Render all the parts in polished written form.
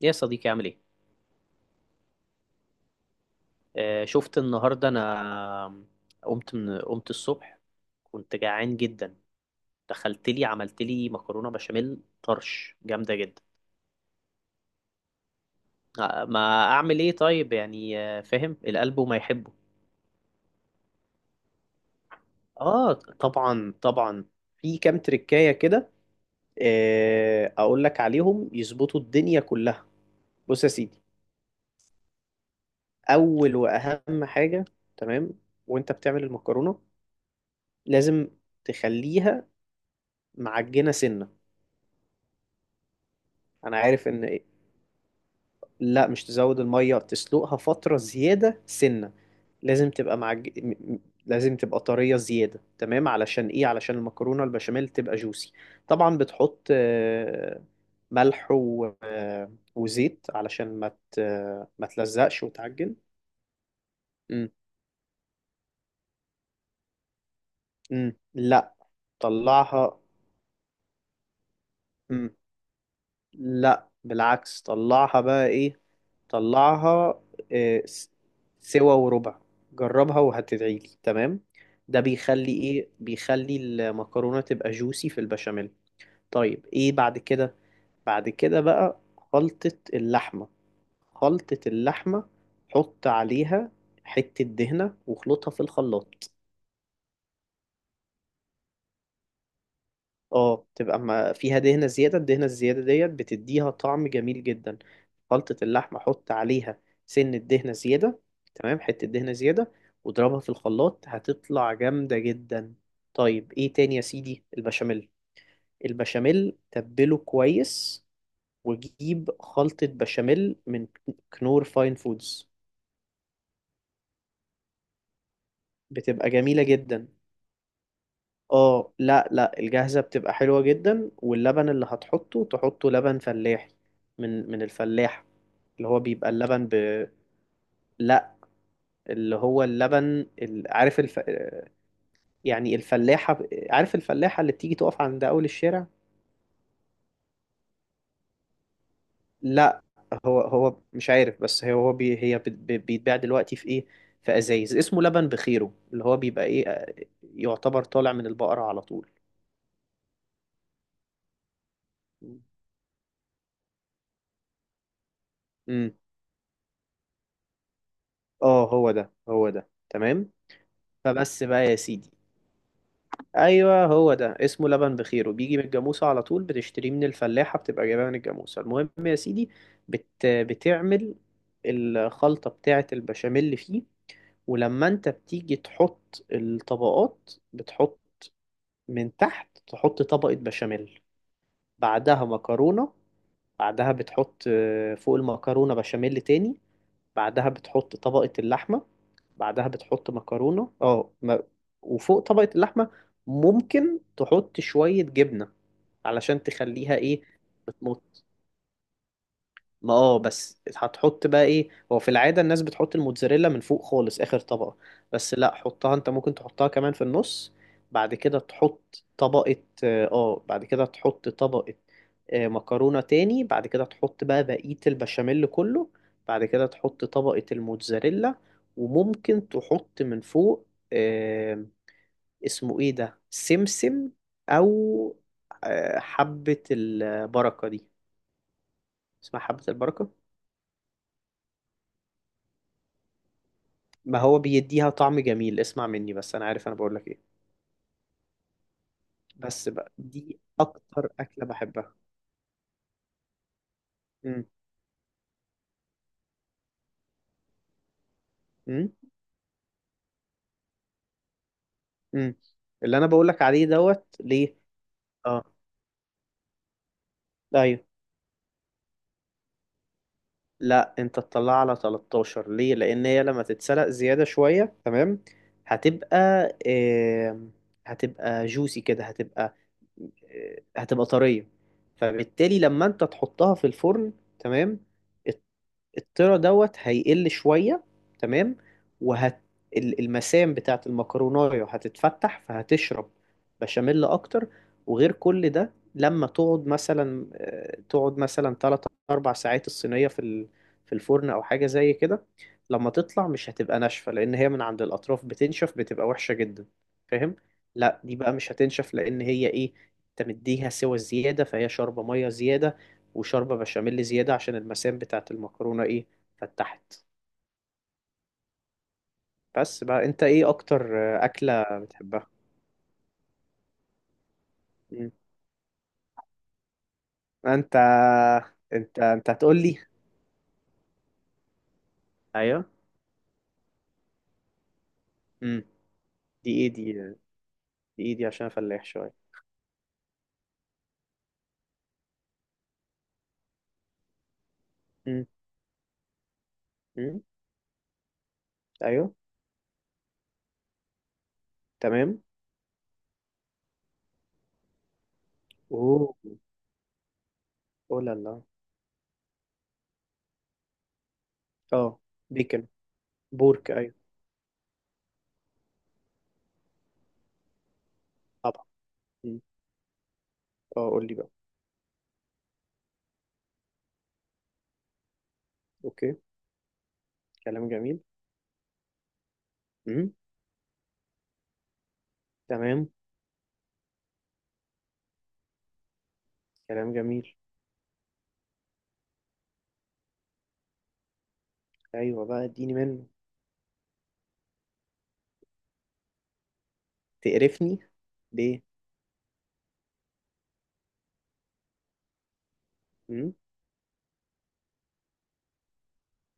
يا صديقي، عامل ايه؟ آه، شفت النهارده انا قمت الصبح، كنت جعان جدا. دخلت لي عملت لي مكرونه بشاميل طرش جامده جدا. ما اعمل ايه طيب، يعني فاهم القلب وما يحبه. اه، طبعا طبعا، في كام تريكايه كده. آه، اقول لك عليهم، يظبطوا الدنيا كلها. بص يا سيدي، اول واهم حاجه، تمام، وانت بتعمل المكرونه لازم تخليها معجنه سنه. انا عارف ان، لا، مش تزود الميه، تسلقها فتره زياده سنه. لازم تبقى معج... م- م- لازم تبقى طريه زياده، تمام. علشان ايه؟ علشان المكرونه البشاميل تبقى جوسي. طبعا بتحط ملح و وزيت علشان ما تلزقش وتعجن. مم. مم. لا، طلعها. مم. لا بالعكس، طلعها بقى ايه، طلعها آه، س- سوا وربع، جربها وهتدعيلي، تمام. ده بيخلي ايه؟ بيخلي المكرونة تبقى جوسي في البشاميل. طيب ايه بعد كده؟ بعد كده بقى خلطة اللحمة، خلطة اللحمة حط عليها حتة دهنة واخلطها في الخلاط. اه بتبقى ما فيها دهنة زيادة، الدهنة الزيادة ديت بتديها طعم جميل جدا. خلطة اللحمة حط عليها سن الدهنة زيادة، تمام، حتة دهنة زيادة واضربها في الخلاط، هتطلع جامدة جدا. طيب ايه تاني يا سيدي؟ البشاميل. البشاميل تبله كويس وجيب خلطة بشاميل من كنور فاين فودز، بتبقى جميلة جدا. اه لا لا، الجاهزة بتبقى حلوة جدا. واللبن اللي هتحطه تحطه لبن فلاحي، من الفلاح، اللي هو بيبقى اللبن ب، لا، اللي هو اللبن، ال- عارف الف... يعني الفلاحة، عارف الفلاحة اللي بتيجي تقف عند أول الشارع. لا، هو مش عارف، بس هي هو بي... هي بت- بي- بيتباع دلوقتي في إيه؟ في أزايز، اسمه لبن بخيره، اللي هو بيبقى إيه، يعتبر طالع من البقرة على طول. امم. اه هو ده تمام. فبس بقى يا سيدي. ايوه هو ده، اسمه لبن بخير، بيجي من الجاموسه على طول، بتشتريه من الفلاحه، بتبقى جايبها من الجاموسه. المهم يا سيدي، بتعمل الخلطه بتاعه البشاميل اللي فيه، ولما انت بتيجي تحط الطبقات بتحط من تحت، تحط طبقه بشاميل، بعدها مكرونه، بعدها بتحط، فوق المكرونه بشاميل تاني، بعدها بتحط طبقة اللحمة، بعدها بتحط مكرونة اه م- وفوق طبقة اللحمة ممكن تحط شوية جبنة علشان تخليها ايه. بتمط، ما اه بس هتحط بقى ايه، هو في العادة الناس بتحط الموتزاريلا من فوق خالص اخر طبقة. بس لا، حطها انت ممكن تحطها كمان في النص. بعد كده تحط طبقة، اه، بعد كده تحط طبقة، مكرونة تاني، بعد كده تحط بقى بقية البشاميل كله، بعد كده تحط طبقة الموتزاريلا، وممكن تحط من فوق، آه، اسمه ايه ده، سمسم، او حبة البركة دي، اسمها حبة البركة. ما هو بيديها طعم جميل، اسمع مني بس، انا عارف انا بقول لك ايه. بس بقى، دي اكتر اكله بحبها. امم. امم. امم. اللي انا بقول لك عليه دوت ليه. اه. ايوه. لا انت تطلع على 13 ليه، لان هي لما تتسلق زياده شويه تمام، هتبقى آه... هتبقى جوسي كده، هتبقى هتبقى طريه. فبالتالي لما انت تحطها في الفرن، تمام، الترا دوت هيقل شوية، تمام، وهت، المسام بتاعت المكروناية هتتفتح فهتشرب بشاميل أكتر. وغير كل ده، لما تقعد مثلا، تقعد مثلا 3 أربع ساعات، الصينية في في الفرن أو حاجة زي كده، لما تطلع مش هتبقى ناشفة، لأن هي من عند الأطراف بتنشف بتبقى وحشة جدا. فاهم؟ لا دي بقى مش هتنشف، لأن هي إيه؟ أنت مديها سوى زيادة، فهي شاربة مية زيادة وشوربة بشاميل زيادة، عشان المسام بتاعة المكرونة ايه، فتحت. بس بقى، انت ايه اكتر أكلة بتحبها؟ مم. انت انت هتقول لي. ايوه. مم. دي ايه دي دي، ايه دي عشان فلاح شوية. مم. مم. ايوه. تمام. اوه. اوه لا لا. اه. بيكن. بورك، ايوه. طبعا. مم. اه قول لي بقى. اوكي، كلام جميل. مم. تمام. كلام جميل. ايوه بقى اديني منه. تقرفني ليه؟ مم.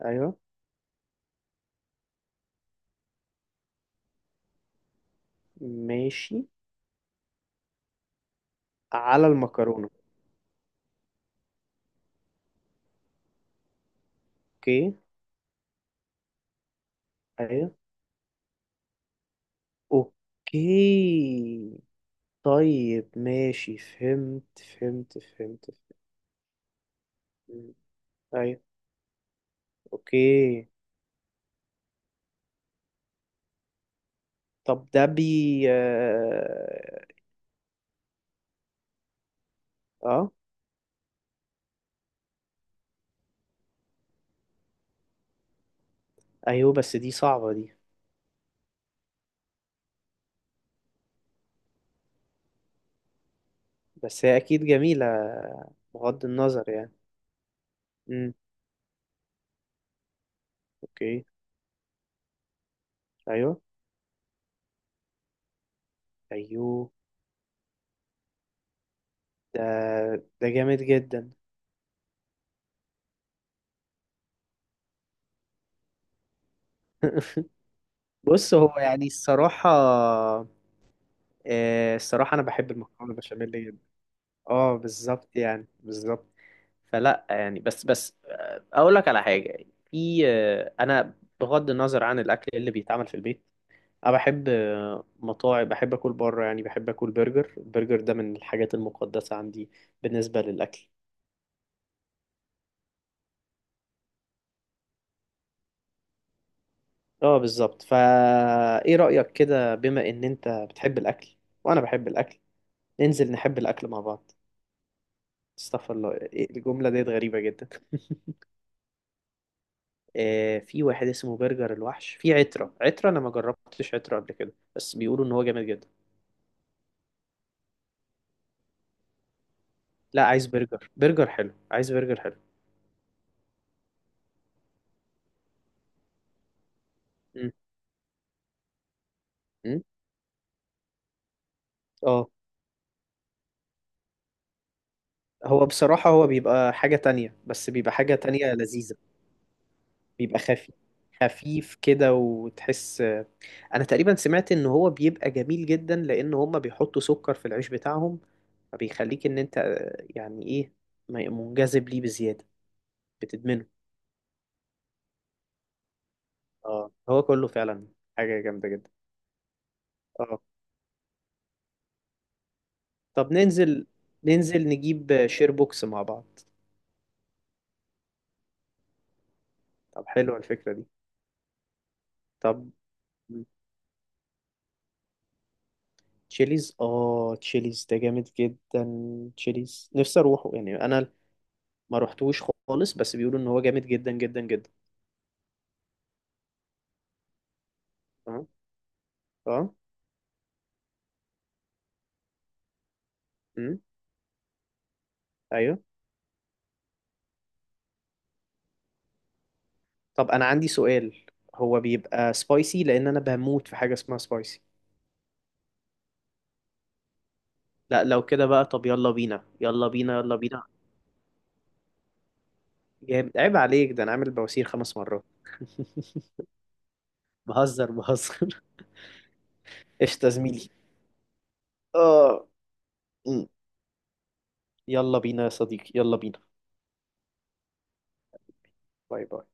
ايوه. ماشي. على المكرونة. اوكي. ايوه. اوكي. طيب ماشي، فهمت. ايوه. اوكي. طب ده بي. اه. آه، ايوه. بس دي صعبة دي. بس هي اكيد جميلة، بغض النظر يعني. امم. اوكي. ايوه. ايوه. ده ده جامد جدا. بص، هو يعني الصراحة، الصراحة أنا بحب المكرونة بشاميل. اه بالظبط يعني، بالظبط. فلا يعني، بس اقول لك على حاجه. في انا بغض النظر عن الاكل اللي بيتعمل في البيت، انا بحب مطاعم، بحب اكل بره يعني، بحب اكل برجر. البرجر ده من الحاجات المقدسه عندي بالنسبه للاكل. اه بالظبط فا، ايه رايك كده؟ بما ان انت بتحب الاكل وانا بحب الاكل، ننزل نحب الاكل مع بعض. استغفر الله، إيه الجمله ديت غريبه جدا. في واحد اسمه برجر الوحش في عترة، انا ما جربتش عترة قبل كده بس بيقولوا ان هو جامد جدا. لا عايز برجر، برجر حلو عايز برجر حلو. م- م. اه هو بصراحة هو بيبقى حاجة تانية، بس بيبقى حاجة تانية لذيذة. بيبقى خفيف، خفيف كده، وتحس. انا تقريبا سمعت ان هو بيبقى جميل جدا لان هما بيحطوا سكر في العيش بتاعهم، فبيخليك ان انت يعني ايه، منجذب ليه بزيادة، بتدمنه. اه هو كله فعلا حاجة جامدة جدا. اه، طب ننزل، ننزل نجيب شير بوكس مع بعض. طب حلوة الفكرة دي. طب تشيليز، اه تشيليز ده جامد جدا، تشيليز نفسي اروحه يعني، انا ما روحتوش خالص، بس بيقولوا ان هو جامد جدا جدا جدا. اه. اه. امم. ايوه. طب انا عندي سؤال، هو بيبقى سبايسي؟ لان انا بموت في حاجة اسمها سبايسي. لا لو كده بقى، طب يلا بينا، يلا بينا، يلا بينا. جامد، عيب عليك، ده انا عامل بواسير خمس مرات. بهزر بهزر. قشطة يا زميلي. اه. مم. يلا بينا يا صديقي، يلا بينا. باي باي.